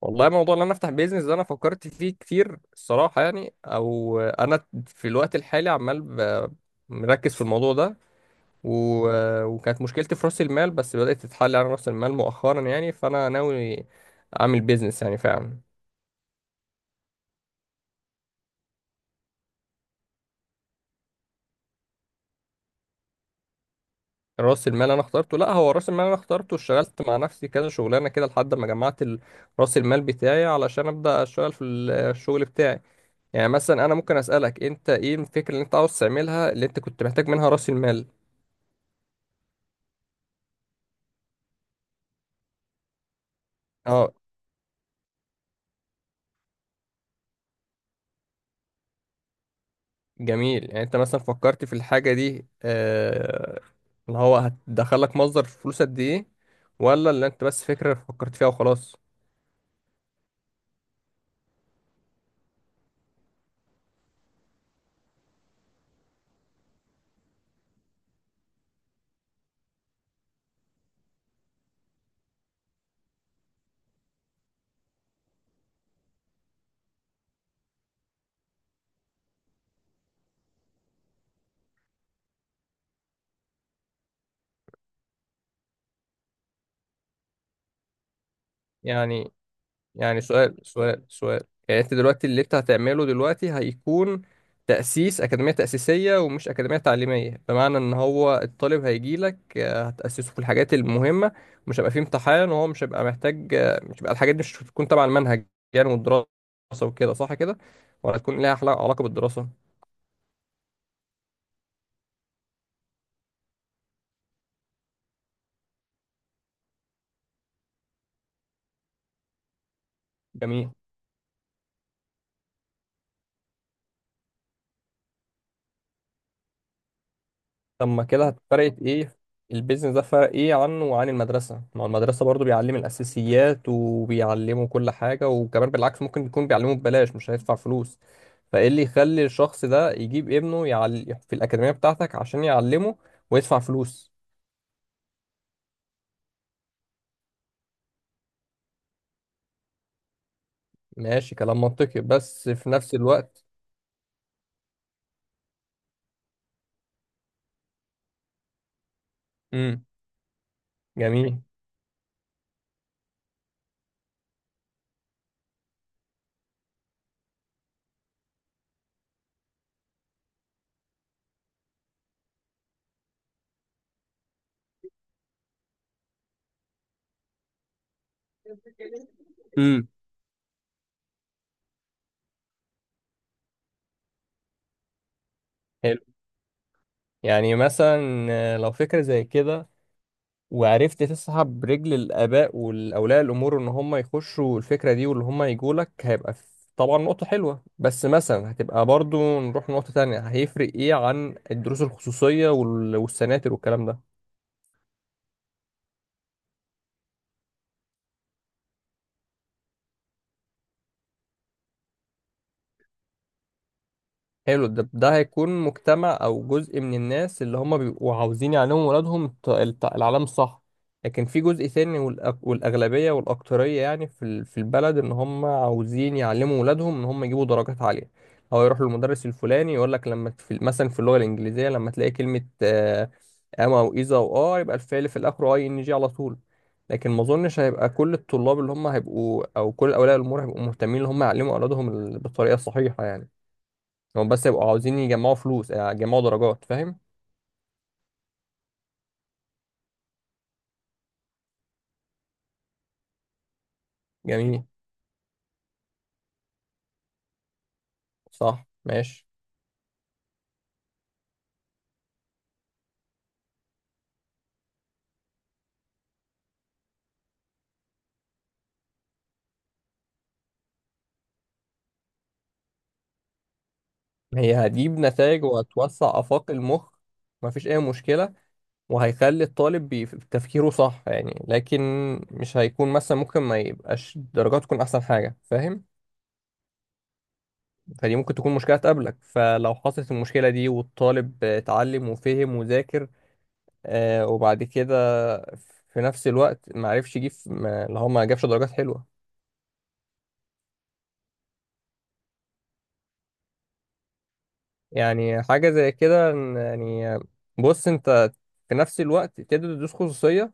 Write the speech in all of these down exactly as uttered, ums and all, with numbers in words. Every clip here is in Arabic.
والله موضوع ان انا افتح بيزنس ده انا فكرت فيه كتير الصراحه يعني او انا في الوقت الحالي عمال ب- مركز في الموضوع ده و... وكانت مشكلتي في راس المال بس بدات تتحل على راس المال مؤخرا يعني فانا ناوي اعمل بيزنس يعني فعلا. راس المال انا اخترته، لا، هو راس المال انا اخترته اشتغلت مع نفسي كذا شغلانه كده لحد ما جمعت ال- راس المال بتاعي علشان ابدا اشتغل في ال- الشغل بتاعي. يعني مثلا انا ممكن اسالك انت ايه الفكره اللي انت عاوز تعملها اللي انت كنت محتاج منها راس المال؟ اه، جميل. يعني انت مثلا فكرت في الحاجة دي، آه، اللي هو هتدخلك مصدر فلوس قد ايه، ولا اللي انت بس فكرة فكرت فيها وخلاص؟ يعني يعني سؤال سؤال سؤال يعني انت دلوقتي اللي انت هتعمله دلوقتي هيكون تأسيس أكاديمية تأسيسية ومش أكاديمية تعليمية، بمعنى ان هو الطالب هيجيلك، آه، هتأسسه في الحاجات المهمة، مش هيبقى فيه امتحان وهو مش هيبقى محتاج، آه، مش هيبقى الحاجات دي مش هتكون تبع المنهج يعني والدراسة وكده، صح كده؟ ولا هتكون ليها علاقة بالدراسة؟ جميل. طب ما كده فرقت ايه؟ البيزنس ده فرق ايه عنه وعن المدرسة؟ ما هو المدرسة برضو بيعلم الأساسيات وبيعلمه كل حاجة، وكمان بالعكس ممكن يكون بيعلمه ببلاش مش هيدفع فلوس. فايه اللي يخلي الشخص ده يجيب ابنه يعل... في الأكاديمية بتاعتك عشان يعلمه ويدفع فلوس؟ ماشي، كلام منطقي، بس في نفس الوقت. امم. جميل. امم. حلو. يعني مثلا آه، لو فكرة زي كده وعرفت تسحب رجل الآباء والأولياء الأمور إن هم يخشوا الفكرة دي واللي هم يجوا لك، هيبقى في- طبعا نقطة حلوة، بس مثلا هتبقى برضو نروح نقطة تانية: هيفرق إيه عن الدروس الخصوصية وال- والسناتر والكلام ده؟ حلو. ده ده هيكون مجتمع او جزء من الناس اللي هم بيبقوا عاوزين يعلموا ولادهم الت- الت- العلام، صح. لكن في جزء ثاني والأك- والاغلبيه والاكتريه يعني في ال- في البلد ان هم عاوزين يعلموا ولادهم ان هم يجيبوا درجات عاليه. هو يروح للمدرس الفلاني يقول لك لما في مثلا في اللغه الانجليزيه لما تلاقي كلمه آه، ام او اذا او اه، يبقى الفعل في الاخر اي ان جي على طول. لكن ما اظنش هيبقى كل الطلاب اللي هم هيبقوا او كل اولياء الامور هيبقوا مهتمين ان هم يعلموا اولادهم ال- بالطريقه الصحيحه يعني. هم بس يبقوا عاوزين يجمعوا فلوس، آه، يجمعوا درجات، فاهم. جميل. صح ماشي. هي هتجيب نتائج وهتوسع آفاق المخ. مفيش أي مشكلة. وهيخلي الطالب بي- تفكيره صح يعني، لكن مش هيكون مثلا، ممكن ما يبقاش درجات تكون أحسن حاجة، فاهم. فدي ممكن تكون مشكلة تقابلك. فلو حصلت المشكلة دي والطالب اتعلم وفهم وذاكر، آه، وبعد كده في نفس الوقت معرفش يجيب، ما- اللي هو ما جابش درجات حلوة. يعني حاجة زي كده، إن- يعني بص انت في نفس الوقت تقدر تدوس خصوصية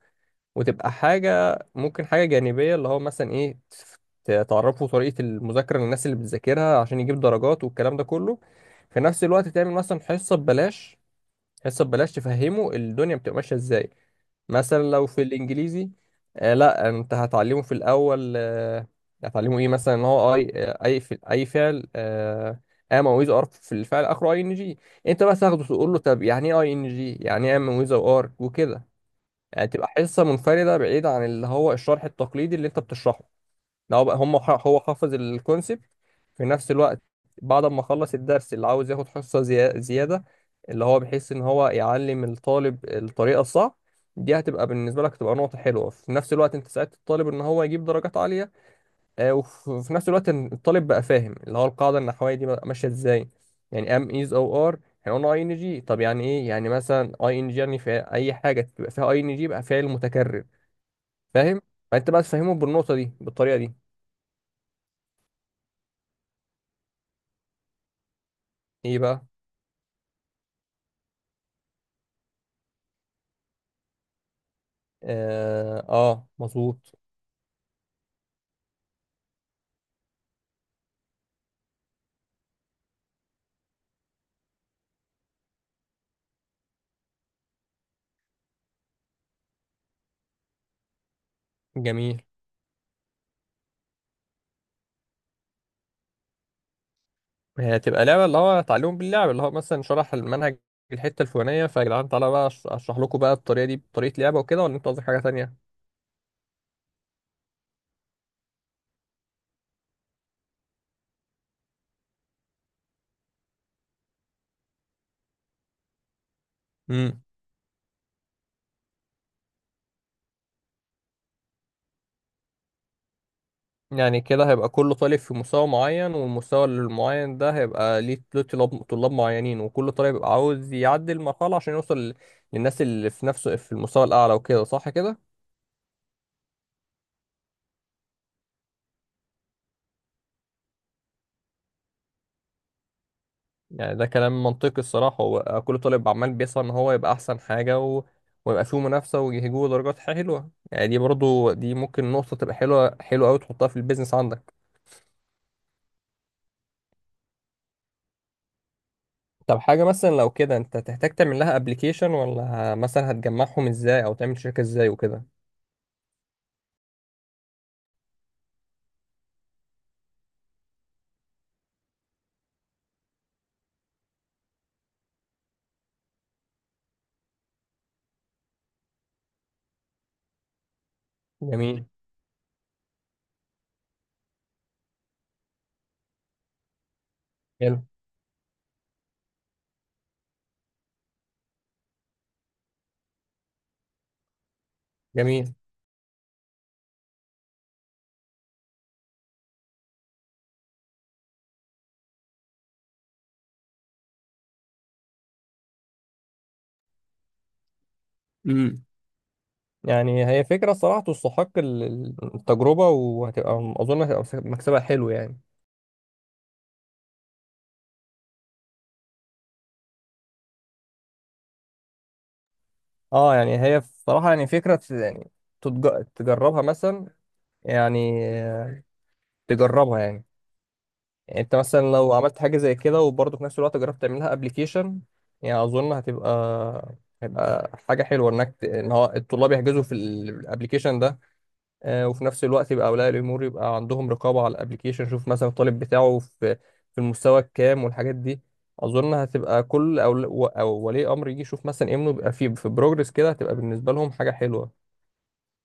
وتبقى حاجة، ممكن حاجة جانبية، اللي هو مثلا ايه، ت- تعرفوا طريقة المذاكرة للناس اللي بتذاكرها عشان يجيب درجات والكلام ده كله. في نفس الوقت تعمل مثلا حصة ببلاش، حصة ببلاش تفهمه الدنيا بتبقى ماشية ازاي. مثلا لو في الانجليزي، آه، لا، انت هتعلمه في الاول، آه، هتعلمه ايه مثلا؟ ان هو اي، آه، اي ف- اي فعل آه ام ويز ار في الفعل اخره اي ان جي. انت بس تاخده تقول له طب يعني ايه اي ان جي، يعني ايه ام ويز ار وكده. يعني تبقى حصه منفرده بعيده عن اللي هو الشرح التقليدي اللي انت بتشرحه. لو بقى هم ح- هو حافظ الكونسبت في نفس الوقت، بعد ما خلص الدرس اللي عاوز ياخد حصة زيا- زيادة، اللي هو بيحس ان هو يعلم الطالب الطريقة الصح، دي هتبقى بالنسبة لك تبقى نقطة حلوة. في نفس الوقت انت ساعدت الطالب ان هو يجيب درجات عالية، آه، وف- وفي نفس الوقت إن الطالب بقى فاهم اللي هو القاعدة النحوية دي بقى ماشية ازاي. يعني ام ايز او ار، احنا قلنا اي ان جي، طب يعني ايه؟ يعني مثلا اي ان جي يعني في اي حاجة تبقى فيها اي ان جي يبقى فعل متكرر، فاهم. فانت بقى تفهمه بالنقطة دي بالطريقة دي. ايه بقى؟ اه، آه، مظبوط. جميل. هي هتبقى لعبة، اللي هو تعليم باللعب، اللي هو مثلا شرح المنهج الحتة الفلانية: فيا جدعان تعالى بقى أش- اشرح لكم بقى الطريقة دي بطريقة لعبة وكده، ولا انت قصدك حاجة تانية؟ امم. يعني كده هيبقى كل طالب في مستوى معين، والمستوى المعين ده هيبقى ليه له طلاب طلاب معينين، وكل طالب بيبقى عاوز يعدي المرحلة عشان يوصل للناس اللي في نفسه في المستوى الأعلى، وكده صح كده؟ يعني ده كلام منطقي الصراحة. هو كل طالب عمال بيسعى إن هو يبقى أحسن حاجة و... ويبقى فيه منافسة ويجيبوا درجات حلوة يعني. دي برضو دي ممكن نقطة تبقى حلوة حلوة أوي تحطها في البيزنس عندك. طب حاجة مثلا لو كده أنت تحتاج تعمل لها أبليكيشن ولا، ه- مثلا هتجمعهم إزاي أو تعمل شركة إزاي وكده؟ جميل. حلو. جميل. امم. يعني هي فكرة صراحة تستحق ال- ال- التجربة، وهتبقى أظن هتبقى مكسبها حلو يعني. اه، يعني هي بصراحة يعني فكرة يعني، تتج- تجربها مثلا، يعني آه، تجربها يعني. يعني انت مثلا لو عملت حاجة زي كده وبرضه في نفس الوقت جربت تعملها ابلكيشن، يعني اظن هتبقى، هيبقى حاجة حلوة انك ت- ان هو الطلاب يحجزوا في الابلكيشن ده، آه، وفي نفس الوقت يبقى اولياء الامور يبقى عندهم رقابة على الابلكيشن، شوف مثلا الطالب بتاعه في في المستوى الكام والحاجات دي. اظن هتبقى كل او او ولي امر يجي يشوف مثلا ابنه بيبقى في في بروجرس كده، هتبقى بالنسبة لهم حاجة حلوة.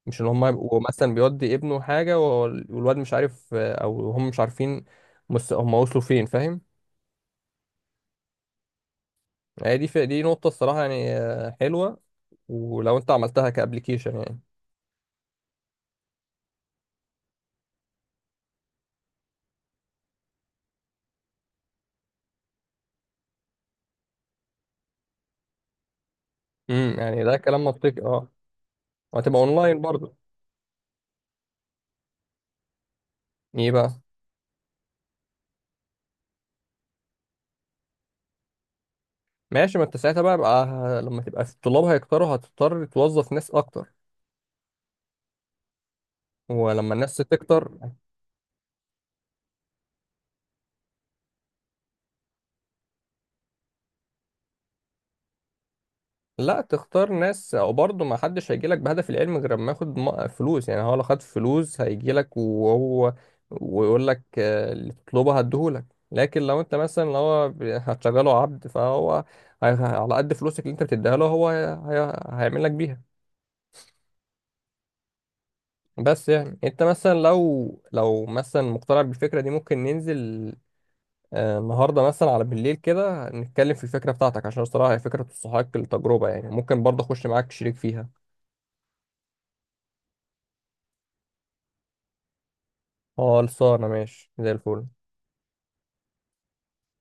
مش ان هم يبقوا مثلا بيودي ابنه حاجه وال- والواد مش عارف، آه، او هم مش عارفين مس- هم وصلوا فين، فاهم. هي دي في دي نقطه الصراحه يعني، آه، حلوه، ولو انت عملتها كابليكيشن يعني. امم، يعني ده كلام منطقي اه. وهتبقى اونلاين برضه. ايه بقى؟ ماشي. ما انت ساعتها بقى, بقى لما تبقى الطلاب هيكتروا هتضطر توظف ناس اكتر. ولما الناس تكتر، لا، تختار ناس، وبرضه ما حدش هيجي لك بهدف العلم غير ما ياخد م- فلوس. يعني هو لو خد فلوس هيجي لك وهو ويقول لك، آه، اللي تطلبه هديهولك. لكن لو انت مثلا لو هو ب- هتشغله عبد فهو هي- على قد فلوسك اللي انت بتديها له هو هي- هي- هيعمل لك بيها. بس يعني انت مثلا لو لو مثلا مقتنع بالفكرة دي ممكن ننزل، آه، النهارده مثلا على بالليل كده نتكلم في الفكرة بتاعتك، عشان الصراحة هي فكرة تستحق التجربة يعني، ممكن برضه اخش معاك شريك فيها. خلصانة ماشي زي الفل.